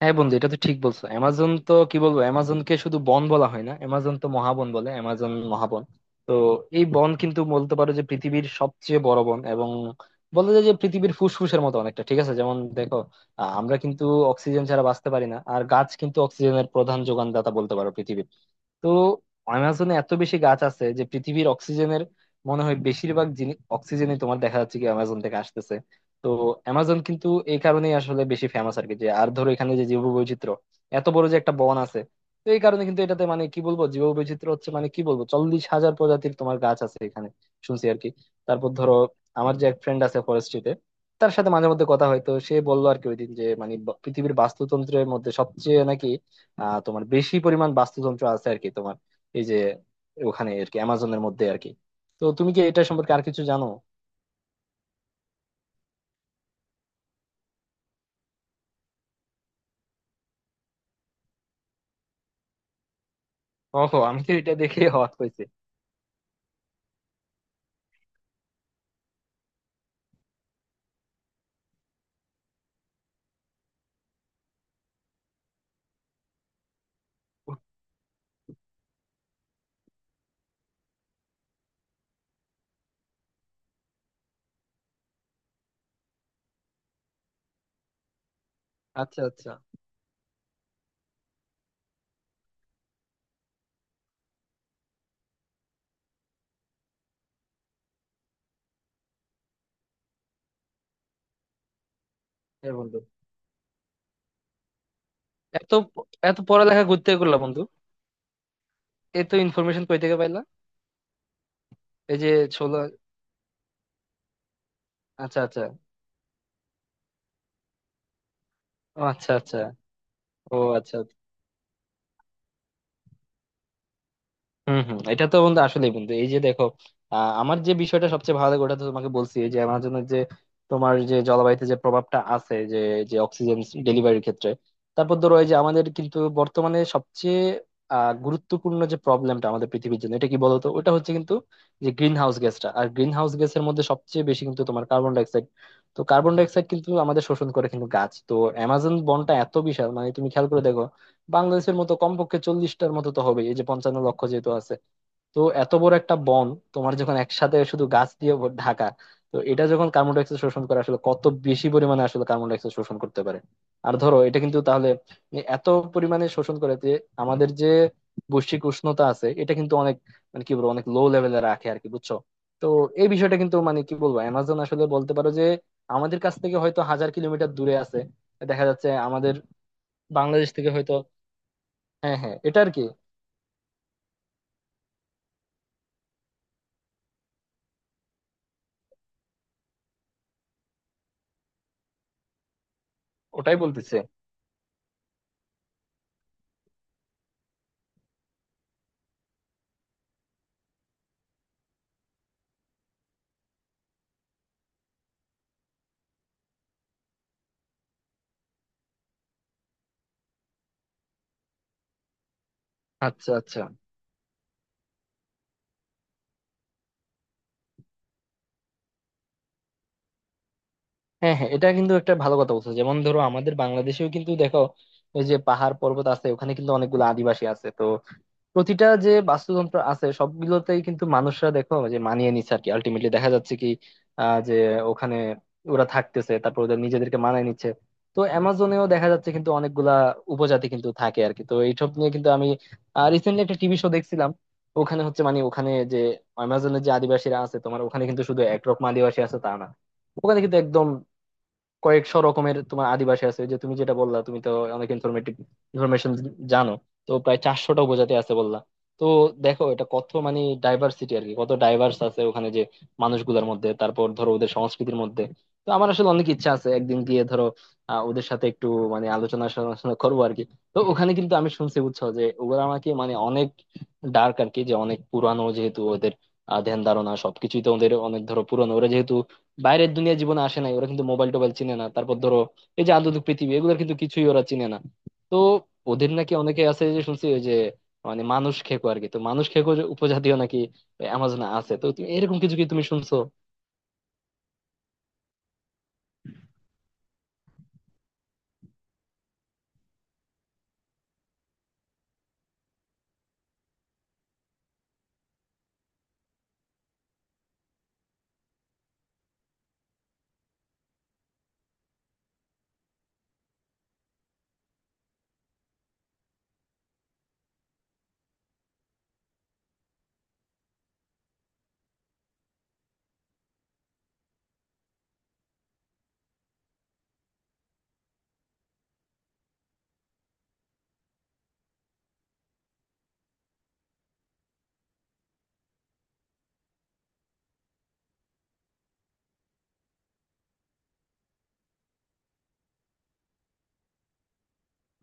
হ্যাঁ বন্ধু, এটা তো ঠিক বলছো। অ্যামাজন তো কি বলবো, অ্যামাজনকে শুধু বন বলা হয় না, অ্যামাজন তো মহাবন বলে, অ্যামাজন মহাবন। তো এই বন কিন্তু বলতে পারো যে পৃথিবীর সবচেয়ে বড় বন, এবং বলা যায় যে পৃথিবীর ফুসফুসের মতো অনেকটা। ঠিক আছে, যেমন দেখো, আমরা কিন্তু অক্সিজেন ছাড়া বাঁচতে পারি না, আর গাছ কিন্তু অক্সিজেনের প্রধান যোগানদাতা বলতে পারো পৃথিবীর। তো অ্যামাজনে এত বেশি গাছ আছে যে পৃথিবীর অক্সিজেনের মনে হয় বেশিরভাগ জিনিস অক্সিজেনই তোমার দেখা যাচ্ছে কি অ্যামাজন থেকে আসতেছে। তো অ্যামাজন কিন্তু এই কারণেই আসলে বেশি ফেমাস আর কি, যে আর ধরো এখানে যে জীববৈচিত্র্য, এত বড় যে একটা বন আছে। তো এই কারণে কিন্তু এটাতে মানে কি বলবো, জীববৈচিত্র্য হচ্ছে মানে কি বলবো, 40,000 প্রজাতির তোমার গাছ আছে এখানে, শুনছি আর কি। তারপর ধরো, আমার যে এক ফ্রেন্ড আছে ফরেস্ট্রিতে, তার সাথে মাঝে মধ্যে কথা হয়, তো সে বললো আর কি ওইদিন যে মানে পৃথিবীর বাস্তুতন্ত্রের মধ্যে সবচেয়ে নাকি তোমার বেশি পরিমাণ বাস্তুতন্ত্র আছে আর কি তোমার, এই যে ওখানে আর কি, অ্যামাজনের মধ্যে আর কি। তো তুমি কি এটা সম্পর্কে আর কিছু জানো? ওহো, আমি তো এটা দেখে হওয়াত হয়েছে। আচ্ছা আচ্ছা। হ্যাঁ বন্ধু। এত এত পড়ালেখা করতে করলা বন্ধু? এত ইনফরমেশন কই থেকে পাইলা? এই যে ছোলা। আচ্ছা আচ্ছা। ও আচ্ছা আচ্ছা। ও আচ্ছা আচ্ছা। হম হম। এটা তো বন্ধু আসলেই বন্ধু, এই যে দেখো, আমার যে বিষয়টা সবচেয়ে ভালো লাগে ওটা তো তোমাকে বলছি, এই যে আমার জন্য যে, তোমার যে জলবায়ুতে যে প্রভাবটা আছে, যে যে অক্সিজেন ডেলিভারির ক্ষেত্রে। তারপর ধরো এই যে আমাদের কিন্তু বর্তমানে সবচেয়ে গুরুত্বপূর্ণ যে প্রবলেমটা আমাদের পৃথিবীর জন্য, এটা কি বলতো? ওটা হচ্ছে কিন্তু যে গ্রিন হাউস গ্যাসটা, আর গ্রিন হাউস গ্যাসের মধ্যে সবচেয়ে বেশি কিন্তু তোমার কার্বন ডাইঅক্সাইড। তো কার্বন ডাইঅক্সাইড কিন্তু আমাদের শোষণ করে কিন্তু গাছ, তো অ্যামাজন বনটা এত বিশাল, মানে তুমি খেয়াল করে দেখো, বাংলাদেশের মতো কমপক্ষে 40টার মতো তো হবে, এই যে 55,00,000 যেহেতু আছে। তো এত বড় একটা বন, তোমার যখন একসাথে শুধু গাছ দিয়ে ঢাকা, তো এটা যখন কার্বন ডাইঅক্সাইড শোষণ করে আসলে কত বেশি পরিমাণে আসলে কার্বন ডাইঅক্সাইড শোষণ করতে পারে। আর ধরো এটা কিন্তু তাহলে এত পরিমাণে শোষণ করে যে আমাদের যে বৈশ্বিক উষ্ণতা আছে এটা কিন্তু অনেক মানে কি বলবো অনেক লো লেভেলে রাখে আর কি, বুঝছো। তো এই বিষয়টা কিন্তু, মানে কি বলবো, অ্যামাজন আসলে বলতে পারো যে আমাদের কাছ থেকে হয়তো 1000 কিলোমিটার দূরে আছে, দেখা যাচ্ছে আমাদের বাংলাদেশ থেকে হয়তো। হ্যাঁ হ্যাঁ, এটা আর কি, ওটাই বলতেছে। আচ্ছা আচ্ছা। হ্যাঁ হ্যাঁ, এটা কিন্তু একটা ভালো কথা বলছো। যেমন ধরো আমাদের বাংলাদেশেও কিন্তু দেখো, ওই যে পাহাড় পর্বত আছে, ওখানে কিন্তু অনেকগুলো আদিবাসী আছে। তো প্রতিটা যে বাস্তুতন্ত্র আছে সবগুলোতেই কিন্তু মানুষরা দেখো যে মানিয়ে নিচ্ছে আর কি, আলটিমেটলি দেখা যাচ্ছে কি যে ওখানে ওরা থাকতেছে, তারপর ওদের নিজেদেরকে মানিয়ে নিচ্ছে। তো অ্যামাজনেও দেখা যাচ্ছে কিন্তু অনেকগুলা উপজাতি কিন্তু থাকে আর কি। তো এইসব নিয়ে কিন্তু আমি রিসেন্টলি একটা টিভি শো দেখছিলাম, ওখানে হচ্ছে মানে ওখানে যে অ্যামাজনের যে আদিবাসীরা আছে তোমার, ওখানে কিন্তু শুধু একরকম আদিবাসী আছে তা না, ওখানে কিন্তু একদম কয়েকশো রকমের তোমার আদিবাসী আছে। যে তুমি যেটা বললা, তুমি তো অনেক ইনফরমেটিভ ইনফরমেশন জানো। তো প্রায় 400টা উপজাতি আছে বললা। তো দেখো এটা কত মানে ডাইভার্সিটি আর কি, কত ডাইভার্স আছে ওখানে, যে মানুষগুলোর মধ্যে, তারপর ধরো ওদের সংস্কৃতির মধ্যে। তো আমার আসলে অনেক ইচ্ছা আছে একদিন গিয়ে ধরো ওদের সাথে একটু মানে আলোচনা সমালোচনা করবো আর কি। তো ওখানে কিন্তু আমি শুনছি বুঝছো যে ওরা আমাকে মানে অনেক ডার্ক আর কি, যে অনেক পুরানো যেহেতু ওদের ধ্যান ধারণা সবকিছুই তো ওদের অনেক ধরো পুরানো, ওরা যেহেতু বাইরের দুনিয়া জীবনে আসে নাই, ওরা কিন্তু মোবাইল টোবাইল চিনে না। তারপর ধরো এই যে আধুনিক পৃথিবী এগুলোর কিন্তু কিছুই ওরা চিনে না। তো ওদের নাকি অনেকে আছে যে শুনছি, ওই যে মানে মানুষ খেকো আর কি, তো মানুষ খেকো যে উপজাতীয় নাকি অ্যামাজনে আছে, তো তুমি এরকম কিছু কি তুমি শুনছো?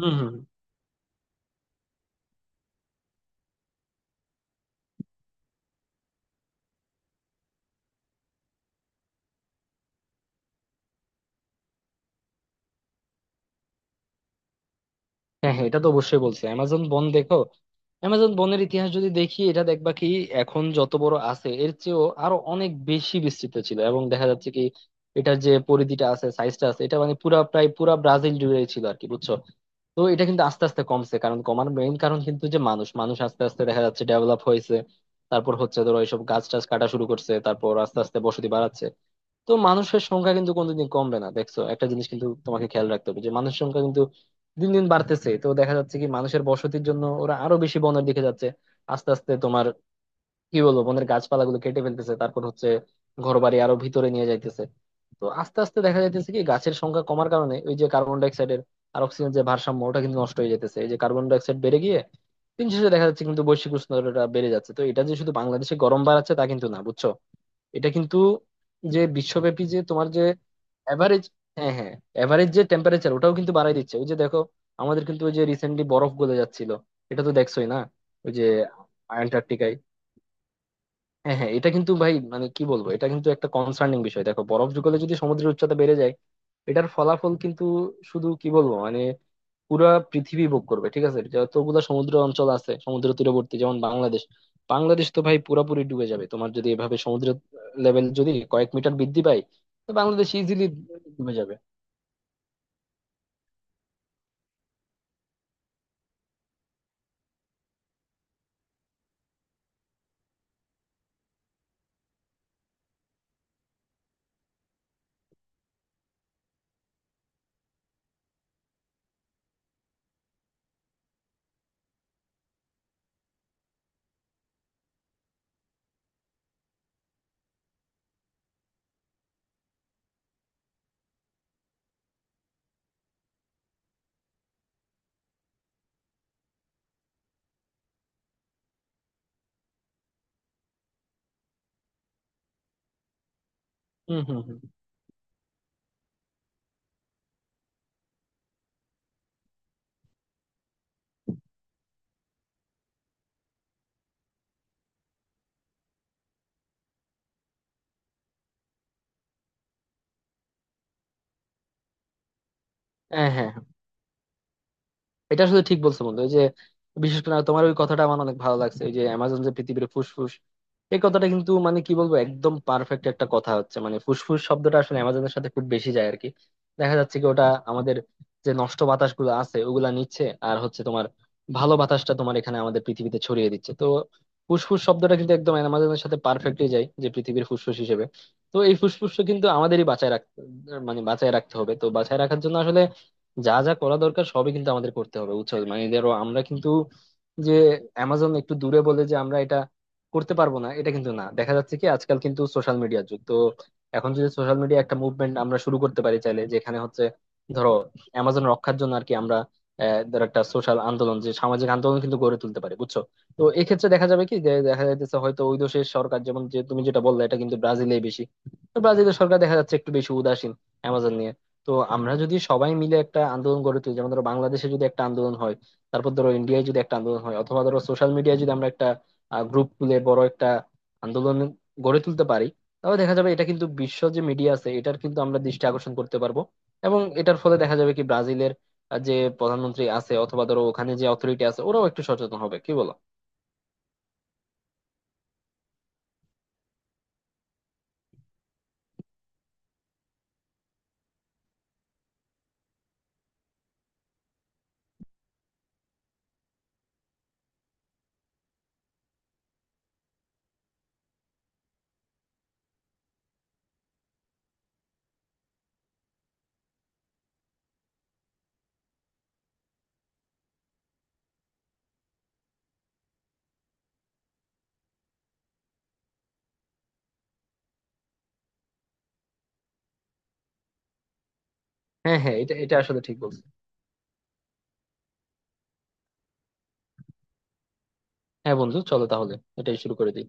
হম হম। হ্যাঁ হ্যাঁ, এটা তো অবশ্যই বলছে। অ্যামাজন বন দেখো, অ্যামাজন বনের ইতিহাস যদি দেখি, এটা দেখবা কি এখন যত বড় আছে এর চেয়েও আরো অনেক বেশি বিস্তৃত ছিল, এবং দেখা যাচ্ছে কি এটার যে পরিধিটা আছে, সাইজটা আছে, এটা মানে পুরা প্রায় পুরা ব্রাজিল জুড়ে ছিল আর কি, বুঝছো। তো এটা কিন্তু আস্তে আস্তে কমছে, কারণ কমার মেইন কারণ কিন্তু যে মানুষ, আস্তে আস্তে দেখা যাচ্ছে ডেভেলপ হয়েছে, তারপর হচ্ছে ধরো এইসব গাছ টাছ কাটা শুরু করছে, তারপর আস্তে আস্তে বসতি বাড়াচ্ছে। তো মানুষের সংখ্যা কিন্তু কোনোদিন কমবে না, দেখছো একটা জিনিস কিন্তু তোমাকে খেয়াল রাখতে হবে যে মানুষের সংখ্যা কিন্তু দিন দিন বাড়তেছে। তো দেখা যাচ্ছে কি মানুষের বসতির জন্য ওরা আরো বেশি বনের দিকে যাচ্ছে, আস্তে আস্তে তোমার কি বলবো বনের গাছপালাগুলো কেটে ফেলতেছে, তারপর হচ্ছে ঘরবাড়ি আরো ভিতরে নিয়ে যাইতেছে। তো আস্তে আস্তে দেখা যাইতেছে কি গাছের সংখ্যা কমার কারণে, ওই যে কার্বন ডাইঅক্সাইডের আর অক্সিজেন যে ভারসাম্য ওটা কিন্তু নষ্ট হয়ে যাইতেছে, এই যে কার্বন ডাইঅক্সাইড বেড়ে গিয়ে দিন শেষে দেখা যাচ্ছে কিন্তু বৈশ্বিক উষ্ণতাটা বেড়ে যাচ্ছে। তো এটা যে শুধু বাংলাদেশে গরম বাড়াচ্ছে তা কিন্তু না, বুঝছো, এটা কিন্তু যে বিশ্বব্যাপী যে তোমার যে এভারেজ। হ্যাঁ হ্যাঁ, এভারেজ যে টেম্পারেচার ওটাও কিন্তু বাড়ায় দিচ্ছে, ওই যে দেখো আমাদের কিন্তু ওই যে রিসেন্টলি বরফ গলে যাচ্ছিল, এটা তো দেখছোই না, ওই যে আন্টার্কটিকায়। হ্যাঁ হ্যাঁ, এটা কিন্তু ভাই মানে কি বলবো, এটা কিন্তু একটা কনসার্নিং বিষয়। দেখো, বরফ যুগলে যদি সমুদ্রের উচ্চতা বেড়ে যায়, এটার ফলাফল কিন্তু শুধু কি বলবো মানে পুরা পৃথিবী ভোগ করবে। ঠিক আছে, যতগুলা সমুদ্র অঞ্চল আছে, সমুদ্র তীরবর্তী, যেমন বাংলাদেশ, বাংলাদেশ তো ভাই পুরাপুরি ডুবে যাবে তোমার, যদি এভাবে সমুদ্র লেভেল যদি কয়েক মিটার বৃদ্ধি পায়। তো বাংলাদেশ ইজিলি ডুবে যাবে। হম হম হম। হ্যাঁ হ্যাঁ হ্যাঁ। এটা শুধু ঠিক বলছো বন্ধু, এই যে বিশেষ করে তোমার ওই কথাটা আমার অনেক ভালো লাগছে, এই যে অ্যামাজন যে পৃথিবীর ফুসফুস, এই কথাটা কিন্তু মানে কি বলবো একদম পারফেক্ট একটা কথা হচ্ছে। মানে ফুসফুস শব্দটা আসলে অ্যামাজনের সাথে খুব বেশি যায় আর কি, দেখা যাচ্ছে কি ওটা আমাদের যে নষ্ট বাতাস গুলো আছে ওগুলা নিচ্ছে, আর হচ্ছে তোমার ভালো বাতাসটা তোমার এখানে আমাদের পৃথিবীতে ছড়িয়ে দিচ্ছে। তো ফুসফুস শব্দটা কিন্তু একদম অ্যামাজনের সাথে পারফেক্টলি যায়, যে পৃথিবীর ফুসফুস হিসেবে। তো এই ফুসফুস কিন্তু আমাদেরই বাঁচায় রাখতে, মানে বাঁচায় রাখতে হবে। তো বাঁচায় রাখার জন্য আসলে যা যা করা দরকার সবই কিন্তু আমাদের করতে হবে, বুঝছো। মানে ধরো আমরা কিন্তু যে অ্যামাজন একটু দূরে বলে যে আমরা এটা করতে পারবো না, এটা কিন্তু না। দেখা যাচ্ছে কি আজকাল কিন্তু সোশ্যাল মিডিয়ার যুগ তো, এখন যদি সোশ্যাল মিডিয়া একটা মুভমেন্ট আমরা শুরু করতে পারি চাইলে, যেখানে হচ্ছে ধরো অ্যামাজন রক্ষার জন্য আর কি, আমরা ধরো একটা সোশ্যাল আন্দোলন, যে সামাজিক আন্দোলন কিন্তু গড়ে তুলতে পারি, বুঝছো। তো এক্ষেত্রে দেখা যাবে কি, যে দেখা যাইতেছে হয়তো ওই দেশের সরকার, যেমন যে তুমি যেটা বললে এটা কিন্তু ব্রাজিলেই বেশি, তো ব্রাজিলের সরকার দেখা যাচ্ছে একটু বেশি উদাসীন অ্যামাজন নিয়ে। তো আমরা যদি সবাই মিলে একটা আন্দোলন গড়ে তুলি, যেমন ধরো বাংলাদেশে যদি একটা আন্দোলন হয়, তারপর ধরো ইন্ডিয়ায় যদি একটা আন্দোলন হয়, অথবা ধরো সোশ্যাল মিডিয়ায় যদি আমরা একটা গ্রুপ খুলে বড় একটা আন্দোলন গড়ে তুলতে পারি, তাহলে দেখা যাবে এটা কিন্তু বিশ্ব যে মিডিয়া আছে এটার কিন্তু আমরা দৃষ্টি আকর্ষণ করতে পারবো। এবং এটার ফলে দেখা যাবে কি ব্রাজিলের যে প্রধানমন্ত্রী আছে অথবা ধরো ওখানে যে অথরিটি আছে ওরাও একটু সচেতন হবে, কি বলো? হ্যাঁ হ্যাঁ, এটা এটা আসলে ঠিক বলছো। হ্যাঁ বন্ধু, চলো তাহলে এটাই শুরু করে দিই।